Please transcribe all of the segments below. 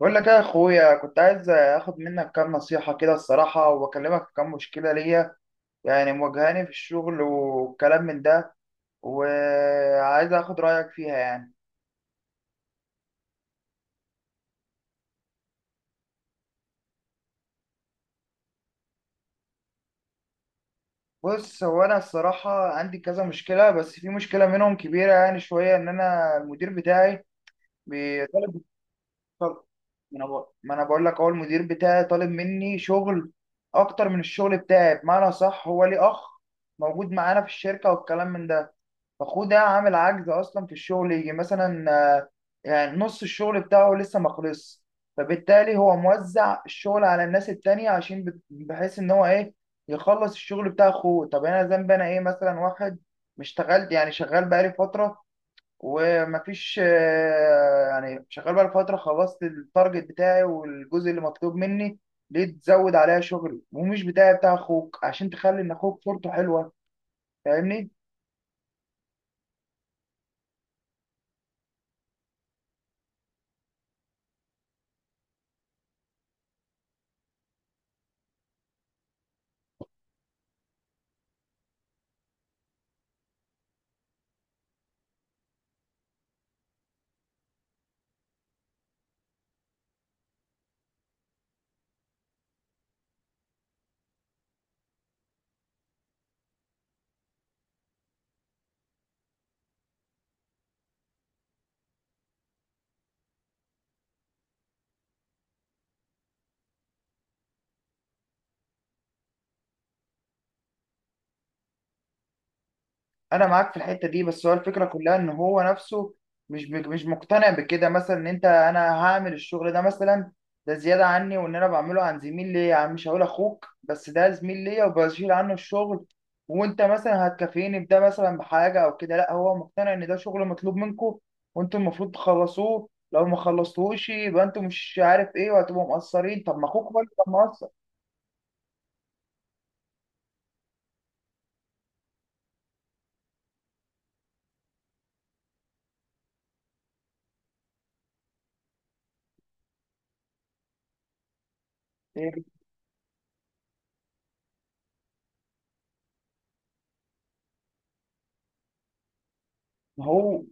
بقول لك يا اخويا، كنت عايز اخد منك كام نصيحة كده الصراحة، واكلمك في كام مشكلة ليا مواجهاني في الشغل والكلام من ده. وعايز اخد رأيك فيها بص، هو انا الصراحة عندي كذا مشكلة، بس في مشكلة منهم كبيرة يعني شوية، ان انا المدير بتاعي بيطالب. طب- ما أنا بقول لك، هو المدير بتاعي طالب مني شغل اكتر من الشغل بتاعي. بمعنى صح، هو ليه اخ موجود معانا في الشركة والكلام من ده، فاخوه ده عامل عجز اصلا في الشغل، يجي مثلا آه، يعني نص الشغل بتاعه لسه ما خلصش، فبالتالي هو موزع الشغل على الناس التانية عشان بحيث ان هو ايه، يخلص الشغل بتاع اخوه. طب انا ذنبي انا ايه؟ مثلا واحد مش اشتغلت؟ يعني شغال بقالي فترة، ومفيش يعني شغال بقالي فترة، خلصت التارجت بتاعي والجزء اللي مطلوب مني. ليه تزود عليا شغل ومش بتاعي، بتاع اخوك، عشان تخلي ان اخوك صورته حلوة؟ فاهمني. انا معاك في الحته دي، بس هو الفكره كلها ان هو نفسه مش مقتنع بكده. مثلا ان انت انا هعمل الشغل ده مثلا، ده زياده عني، وان انا بعمله عن زميل ليا، يعني مش هقول اخوك بس ده زميل ليا، وبشيل عنه الشغل، وانت مثلا هتكافئني بده مثلا بحاجه او كده. لا، هو مقتنع ان ده شغل مطلوب منكم، وانتوا المفروض تخلصوه، لو ما خلصتوهوش يبقى انتوا مش عارف ايه وهتبقوا مقصرين. طب ما اخوك هو اللي كان مقصر. إيه؟ ما هو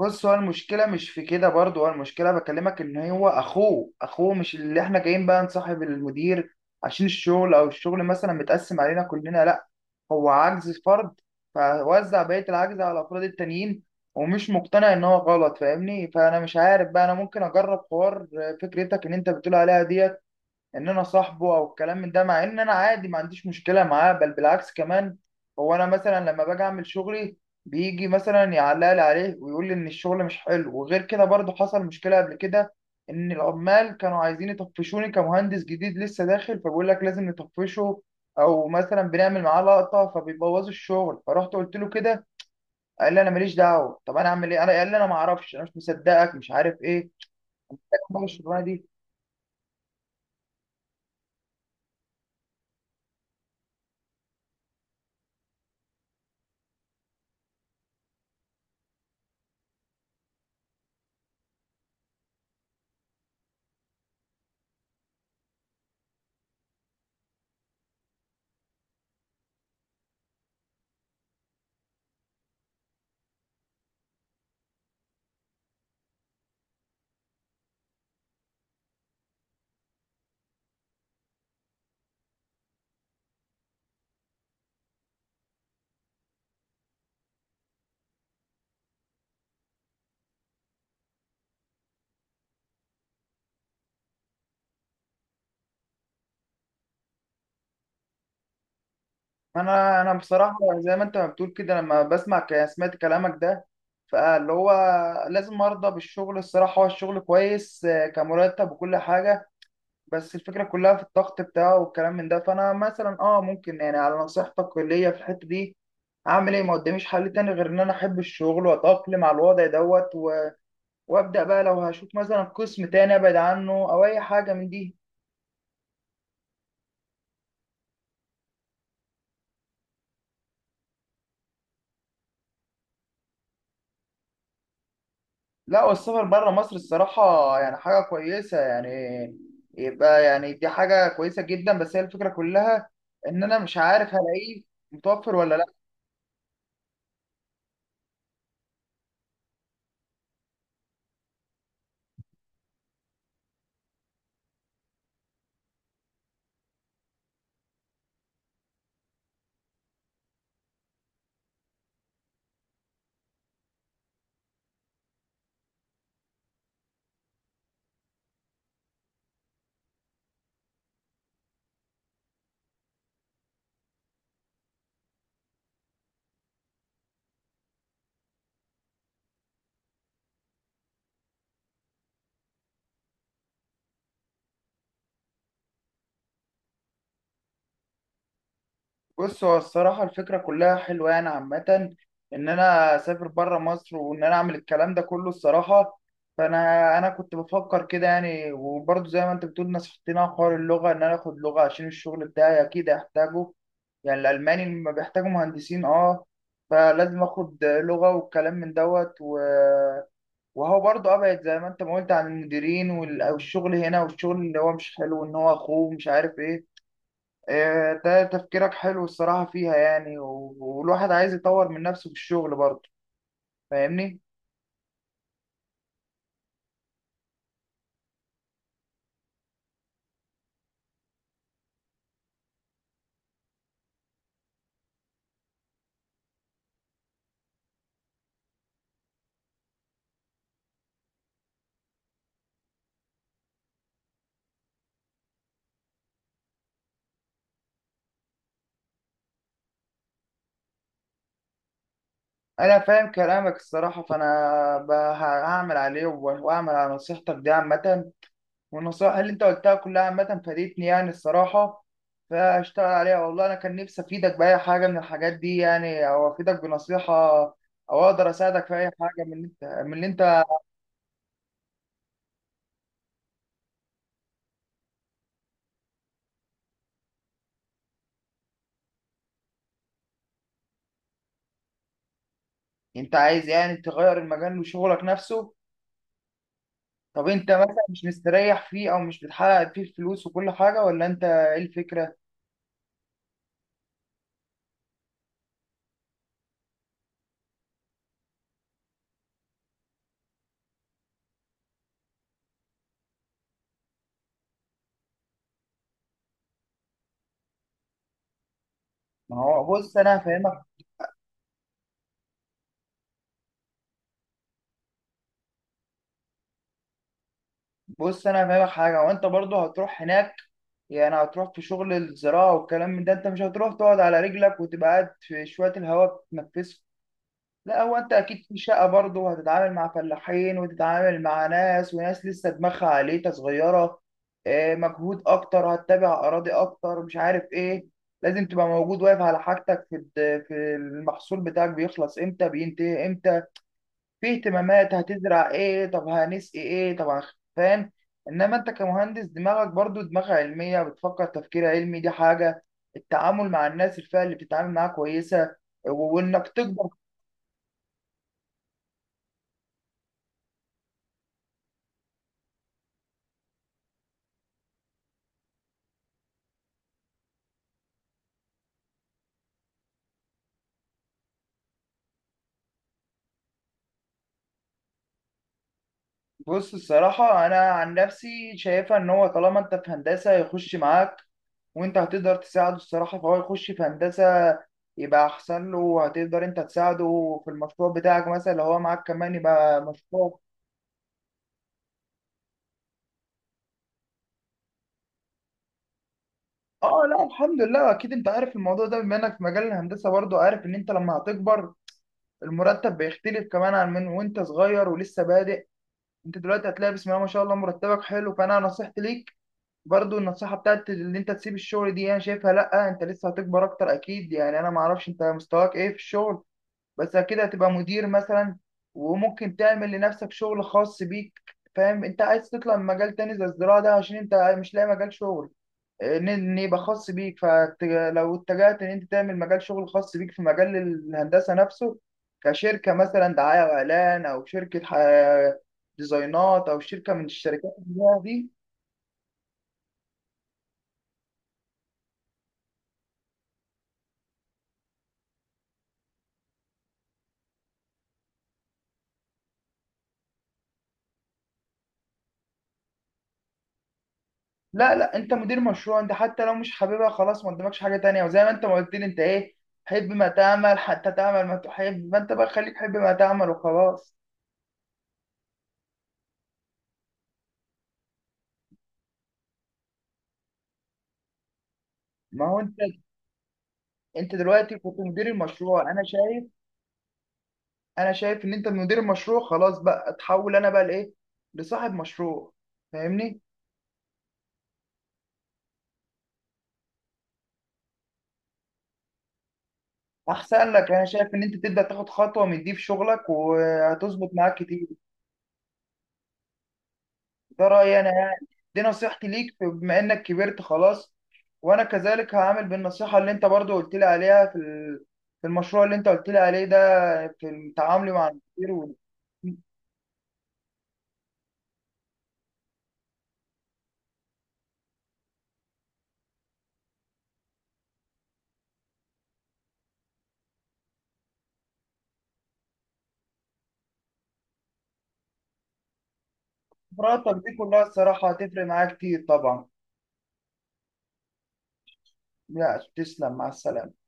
بص، هو المشكلة مش في كده برضه، هو المشكلة بكلمك إن هو أخوه. مش اللي إحنا جايين بقى نصاحب المدير عشان الشغل، أو الشغل مثلا متقسم علينا كلنا، لأ، هو عجز فرد فوزع بقية العجز على الأفراد التانيين، ومش مقتنع إن هو غلط. فاهمني؟ فأنا مش عارف بقى أنا ممكن أجرب حوار فكرتك إن أنت بتقول عليها ديت، ان انا صاحبه او الكلام من ده، مع ان انا عادي ما عنديش مشكله معاه، بل بالعكس كمان. هو انا مثلا لما باجي اعمل شغلي، بيجي مثلا يعلق لي عليه ويقول لي ان الشغل مش حلو. وغير كده برضه حصل مشكله قبل كده، ان العمال كانوا عايزين يطفشوني كمهندس جديد لسه داخل، فبيقول لك لازم نطفشه، او مثلا بنعمل معاه لقطه فبيبوظوا الشغل. فرحت قلت له كده، قال لي انا ماليش دعوه. طب انا اعمل ايه؟ انا قال لي انا ما اعرفش، انا مش مصدقك، مش عارف ايه، أول الشغلانه دي. انا بصراحه زي ما انت ما بتقول كده، لما بسمع سمعت كلامك ده، فاللي هو لازم ارضى بالشغل. الصراحه هو الشغل كويس كمرتب وكل حاجه، بس الفكره كلها في الضغط بتاعه والكلام من ده. فانا مثلا اه ممكن يعني على نصيحتك ليا في الحته دي اعمل ايه؟ ما قداميش حل تاني غير ان انا احب الشغل واتاقلم على الوضع دوت وابدا بقى لو هشوف مثلا قسم تاني ابعد عنه، او اي حاجه من دي. لا، والسفر بره مصر الصراحة يعني حاجة كويسة يعني، يبقى يعني دي حاجة كويسة جدا، بس هي الفكرة كلها إن أنا مش عارف هلاقيه متوفر ولا. بص، هو الصراحة الفكرة كلها حلوة يعني عامة، إن أنا أسافر برا مصر وإن أنا أعمل الكلام ده كله الصراحة. فأنا كنت بفكر كده يعني، وبرضه زي ما أنت بتقول نصحتني على حوار اللغة، إن أنا آخد لغة عشان الشغل بتاعي أكيد هحتاجه. يعني الألماني لما بيحتاجوا مهندسين أه، فلازم آخد لغة والكلام من دوت و... وهو برضه أبعد زي ما أنت ما قلت عن المديرين والشغل هنا، والشغل اللي هو مش حلو إن هو أخوه مش عارف إيه. ده تفكيرك حلو الصراحة فيها يعني، والواحد عايز يطور من نفسه في الشغل برضه. فاهمني؟ أنا فاهم كلامك الصراحة، فأنا هعمل عليه، وأعمل على نصيحتك دي عامة، والنصائح اللي أنت قلتها كلها عامة فادتني يعني الصراحة. فأشتغل عليها. والله أنا كان نفسي أفيدك بأي حاجة من الحاجات دي يعني، أو أفيدك بنصيحة، أو أقدر أساعدك في أي حاجة من اللي أنت أنت عايز يعني تغير المجال وشغلك نفسه؟ طب انت مثلا مش مستريح فيه، او مش بتحقق فيه الفلوس وكل حاجه، ولا انت ايه الفكره؟ ما هو بص انا هفهمك. بص انا هفهمك حاجه، وانت برضه هتروح هناك يعني، هتروح في شغل الزراعه والكلام من ده، انت مش هتروح تقعد على رجلك وتبقى قاعد في شويه الهواء تتنفسه. لا، هو انت اكيد في شقه برضه، وهتتعامل مع فلاحين، وتتعامل مع ناس، وناس لسه دماغها عليتها صغيره. مجهود اكتر، هتتابع اراضي اكتر، مش عارف ايه. لازم تبقى موجود واقف على حاجتك في في المحصول بتاعك، بيخلص امتى، بينتهي امتى، في اهتمامات هتزرع ايه، طب هنسقي ايه، طب فاهم؟ انما انت كمهندس دماغك برضه دماغ علميه، بتفكر تفكير علمي، دي حاجه. التعامل مع الناس، الفئه اللي بتتعامل معاها كويسه، وانك تكبر. بص الصراحة أنا عن نفسي شايفها إن هو طالما أنت في هندسة يخش معاك، وأنت هتقدر تساعده الصراحة. فهو يخش في هندسة يبقى أحسن له، وهتقدر أنت تساعده في المشروع بتاعك مثلا، لو هو معاك كمان يبقى مشروع. آه، لا الحمد لله. أكيد أنت عارف الموضوع ده بما إنك في مجال الهندسة برضه، عارف إن أنت لما هتكبر المرتب بيختلف كمان عن من وأنت صغير ولسه بادئ. أنت دلوقتي هتلاقي بسم الله ما شاء الله مرتبك حلو. فأنا نصيحتي ليك برضو، النصيحة بتاعت اللي انت تسيب الشغل دي، انا شايفها لا، انت لسه هتكبر اكتر اكيد. يعني انا معرفش انت مستواك ايه في الشغل، بس اكيد هتبقى مدير مثلا، وممكن تعمل لنفسك شغل خاص بيك. فاهم؟ انت عايز تطلع من مجال تاني زي الزراعة ده عشان انت مش لاقي مجال شغل، ان يبقى خاص بيك. فلو اتجهت ان انت تعمل مجال شغل خاص بيك في مجال الهندسة نفسه، كشركة مثلا دعاية واعلان، او شركة ديزاينات، او شركة من الشركات اللي هي دي. لا لا، انت مدير مشروع، انت حتى لو مش حاببها خلاص، ما قدامكش حاجه تانية. وزي ما انت ما قلت لي انت ايه، حب ما تعمل حتى تعمل ما تحب، ما انت بقى خليك حب ما تعمل وخلاص. ما هو انت، انت دلوقتي كنت مدير المشروع انا شايف. انا شايف ان انت مدير المشروع خلاص، بقى اتحول انا بقى لايه، لصاحب مشروع. فاهمني؟ احسن لك. انا شايف ان انت تبدا تاخد خطوه من دي في شغلك، وهتظبط معاك كتير. ده رأيي أنا يعني، دي نصيحتي ليك بما إنك كبرت خلاص. وأنا كذلك هعمل بالنصيحة اللي أنت برضو قلت لي عليها في في المشروع اللي أنت قلت لي عليه ده، في تعاملي مع المدير خبراتك دي كلها الصراحة هتفرق معايا كتير طبعا. لا، تسلم، مع السلامة.